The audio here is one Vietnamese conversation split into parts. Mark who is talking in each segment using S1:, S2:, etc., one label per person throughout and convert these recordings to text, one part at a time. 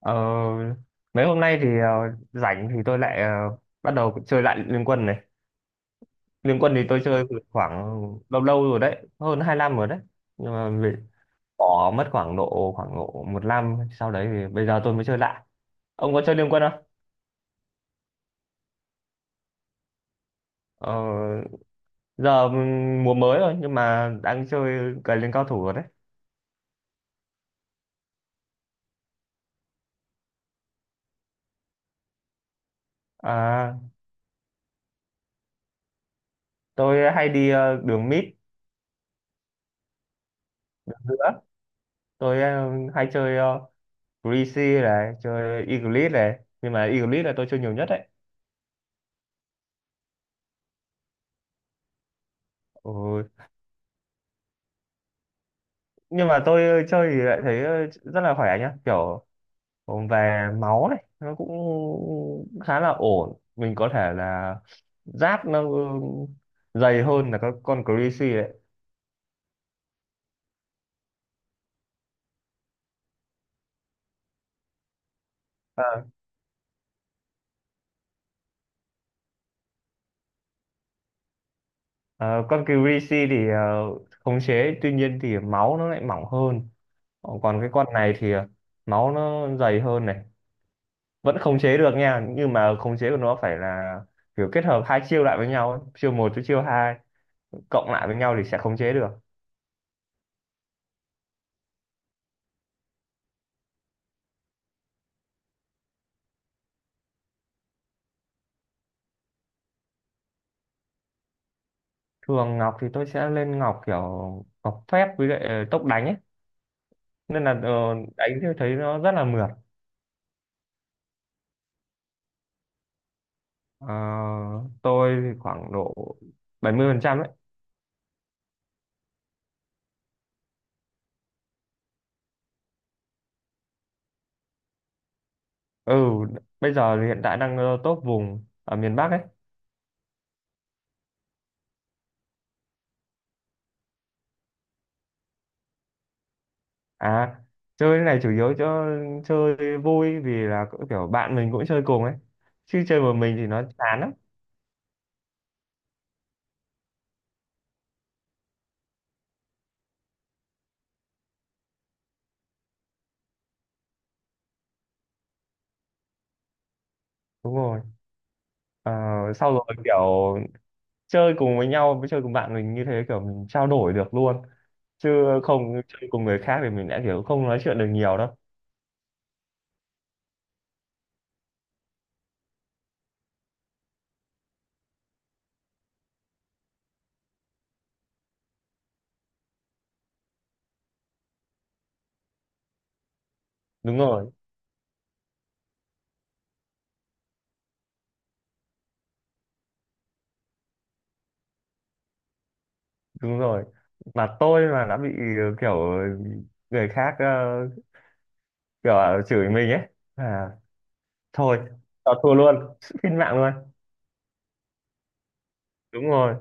S1: Ờ, Mấy hôm nay thì rảnh thì tôi lại bắt đầu chơi lại Liên Quân này. Liên Quân thì tôi chơi từ khoảng lâu lâu rồi đấy, hơn 2 năm rồi đấy. Nhưng mà vì bỏ mất khoảng độ một năm sau đấy thì bây giờ tôi mới chơi lại. Ông có chơi Liên Quân không? Ờ, Giờ mùa mới rồi nhưng mà đang chơi cày lên cao thủ rồi đấy. À, tôi hay đi đường mid nữa. Tôi hay chơi Greasy này, chơi Eagleet này. Nhưng mà Eagleet là tôi chơi nhiều nhất đấy. Ừ. Nhưng mà tôi chơi thì lại thấy rất là khỏe nhá, kiểu về máu này nó cũng khá là ổn, mình có thể là giáp nó dày hơn là các con Greasy đấy. Ờ, ờ, con Greasy thì khống chế, tuy nhiên thì máu nó lại mỏng hơn. Ờ, còn cái con này thì máu nó dày hơn này, vẫn khống chế được nha, nhưng mà khống chế của nó phải là kiểu kết hợp hai chiêu lại với nhau ấy. Chiêu một với chiêu hai cộng lại với nhau thì sẽ khống chế được. Thường ngọc thì tôi sẽ lên ngọc kiểu ngọc phép với lại tốc đánh ấy, nên là đánh thì thấy nó rất là mượt. Ờ, tôi thì khoảng độ 70% phần trăm ấy. Ừ, bây giờ thì hiện tại đang top vùng ở miền Bắc ấy. À, chơi cái này chủ yếu cho chơi vui, vì là cũng kiểu bạn mình cũng chơi cùng ấy, chứ chơi một mình thì nó chán lắm. Đúng rồi. Ờ, sau rồi kiểu chơi cùng với nhau, với chơi cùng bạn mình như thế kiểu mình trao đổi được luôn, chứ không chơi cùng người khác thì mình đã kiểu không nói chuyện được nhiều đâu. Đúng rồi. Đúng rồi, mà tôi mà đã bị kiểu người khác kiểu là chửi mình ấy, à thôi, tao thua luôn, xin mạng luôn. Đúng rồi.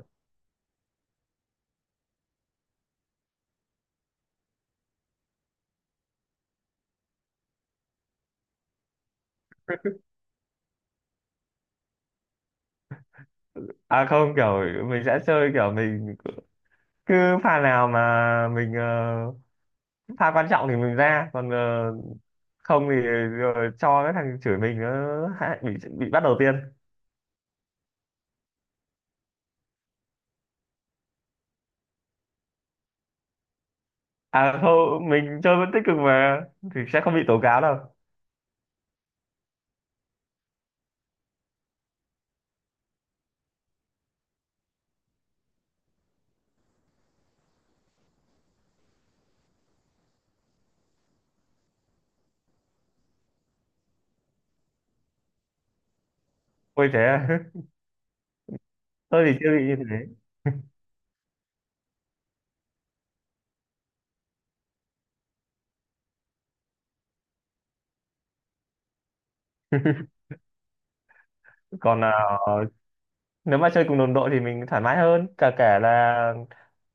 S1: À không, kiểu mình sẽ chơi kiểu mình cứ pha nào mà mình pha quan trọng thì mình ra, còn không thì rồi cho cái thằng chửi mình nó hại- bị bị bắt đầu tiên. À không, mình chơi vẫn tích cực mà thì sẽ không bị tố cáo đâu. Ôi thế à? Tôi thì chưa bị như thế. Còn à, nếu mà chơi cùng đồng đội thì mình thoải mái hơn. Cả kể là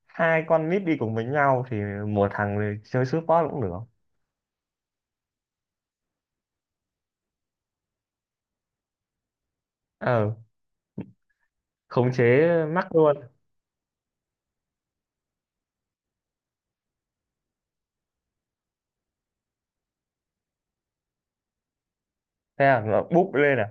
S1: hai con nít đi cùng với nhau thì một thằng thì chơi support cũng được. Ờ, khống chế mắc luôn. Thế là nó búp lên à.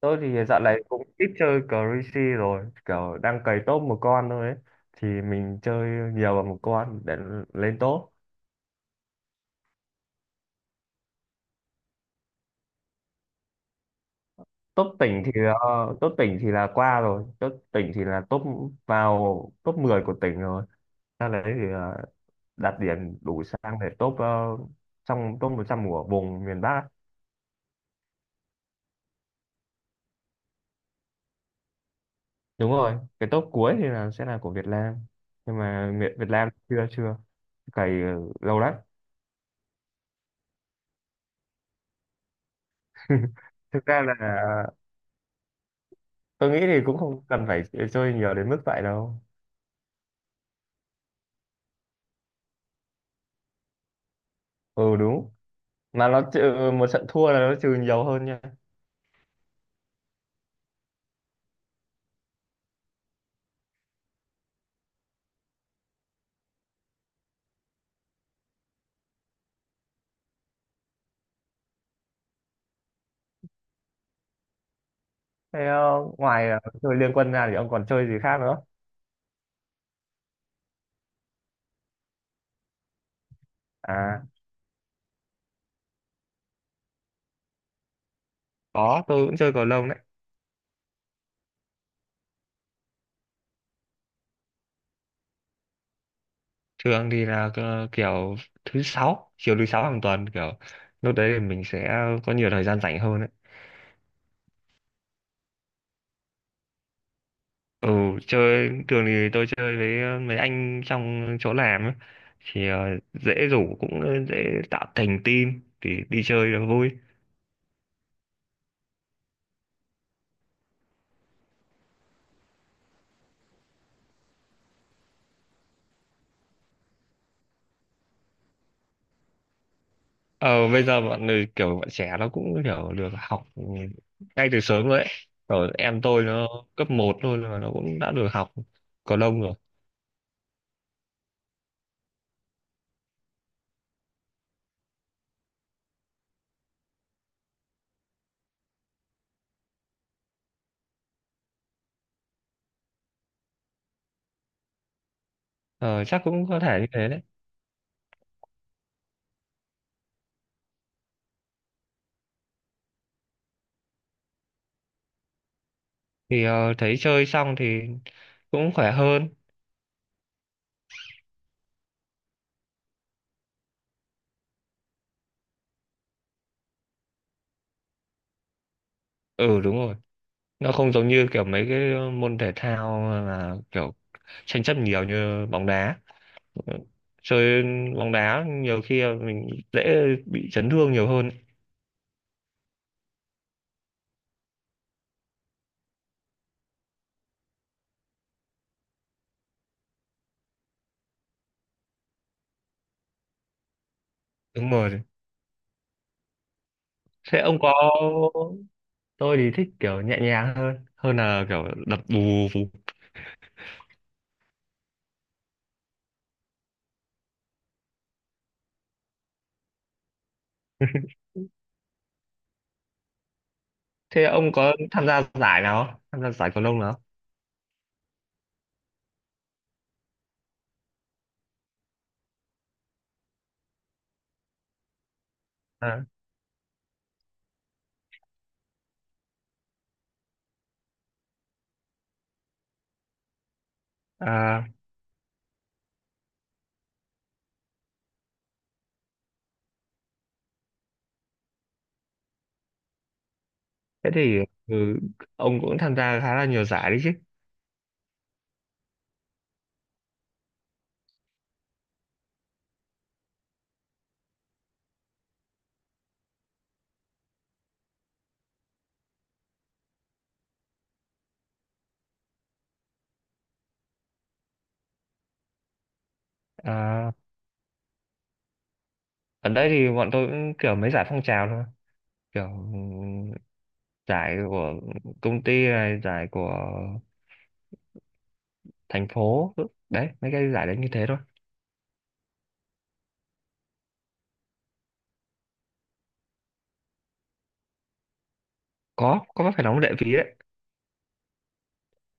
S1: Tôi thì dạo này cũng ít chơi Crazy rồi. Kiểu đang cày top một con thôi ấy. Thì mình chơi nhiều vào một con để lên top. Top tỉnh thì top tỉnh thì là qua rồi, top tỉnh thì là top vào top 10 của tỉnh rồi, ra đấy thì đạt điểm đủ sang để top trong top 100 của vùng miền Bắc. Đúng rồi, cái top cuối thì là sẽ là của Việt Nam, nhưng mà Việt Việt Nam chưa chưa cày lâu lắm. Thực ra là tôi nghĩ thì cũng không cần phải chơi nhiều đến mức vậy đâu. Ừ đúng, mà nó trừ một trận thua là nó trừ nhiều hơn nha. Thế ngoài chơi liên quân ra thì ông còn chơi gì khác nữa? À, có, tôi cũng chơi cầu lông đấy. Thường thì là kiểu thứ sáu, chiều thứ sáu hàng tuần, kiểu lúc đấy thì mình sẽ có nhiều thời gian rảnh hơn đấy. Ừ, chơi thường thì tôi chơi với mấy anh trong chỗ làm ấy. Thì dễ rủ, cũng dễ tạo thành team thì đi chơi là vui. Ờ bây giờ bọn người kiểu bọn trẻ nó cũng kiểu được học ngay từ sớm rồi đấy. Rồi em tôi nó cấp một thôi mà nó cũng đã được học cầu lông rồi. Ờ chắc cũng có thể như thế đấy. Thì thấy chơi xong thì cũng khỏe hơn. Ừ đúng rồi, nó không giống như kiểu mấy cái môn thể thao là kiểu tranh chấp nhiều như bóng đá. Ừ. Chơi bóng đá nhiều khi là mình dễ bị chấn thương nhiều hơn. Đúng rồi. Thế ông có, tôi thì thích kiểu nhẹ nhàng hơn, hơn là kiểu đập bù bù. Thế ông có tham gia giải nào không, tham gia giải cầu lông nào không? À, à thế thì ừ, ông cũng tham gia khá là nhiều giải đấy chứ. À, ở đây thì bọn tôi cũng kiểu mấy giải phong trào thôi, kiểu ừm, giải của công ty này, giải của thành phố đấy, mấy cái giải đấy như thế thôi. Có phải đóng lệ phí đấy,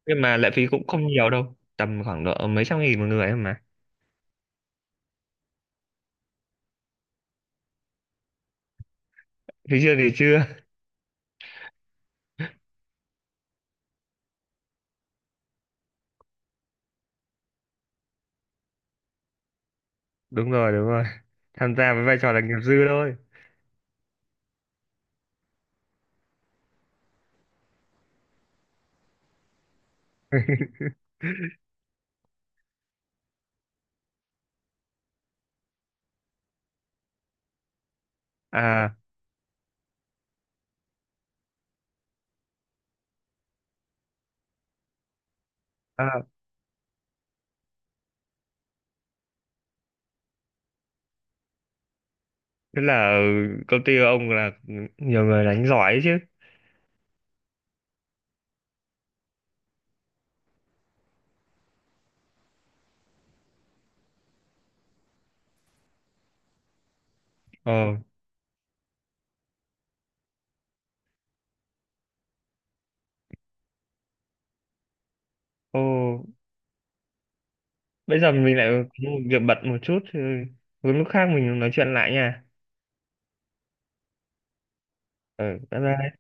S1: nhưng mà lệ phí cũng không nhiều đâu, tầm khoảng độ mấy trăm nghìn một người thôi mà. Thì chưa, thì chưa. Đúng rồi, đúng rồi, tham gia với vai trò là nghiệp dư thôi. À, à tức là công ty của ông là nhiều người đánh giỏi ấy chứ. Ờ. Ô bây giờ mình lại có một việc bận một chút, lúc khác mình nói chuyện lại nha. Ừ bye bye.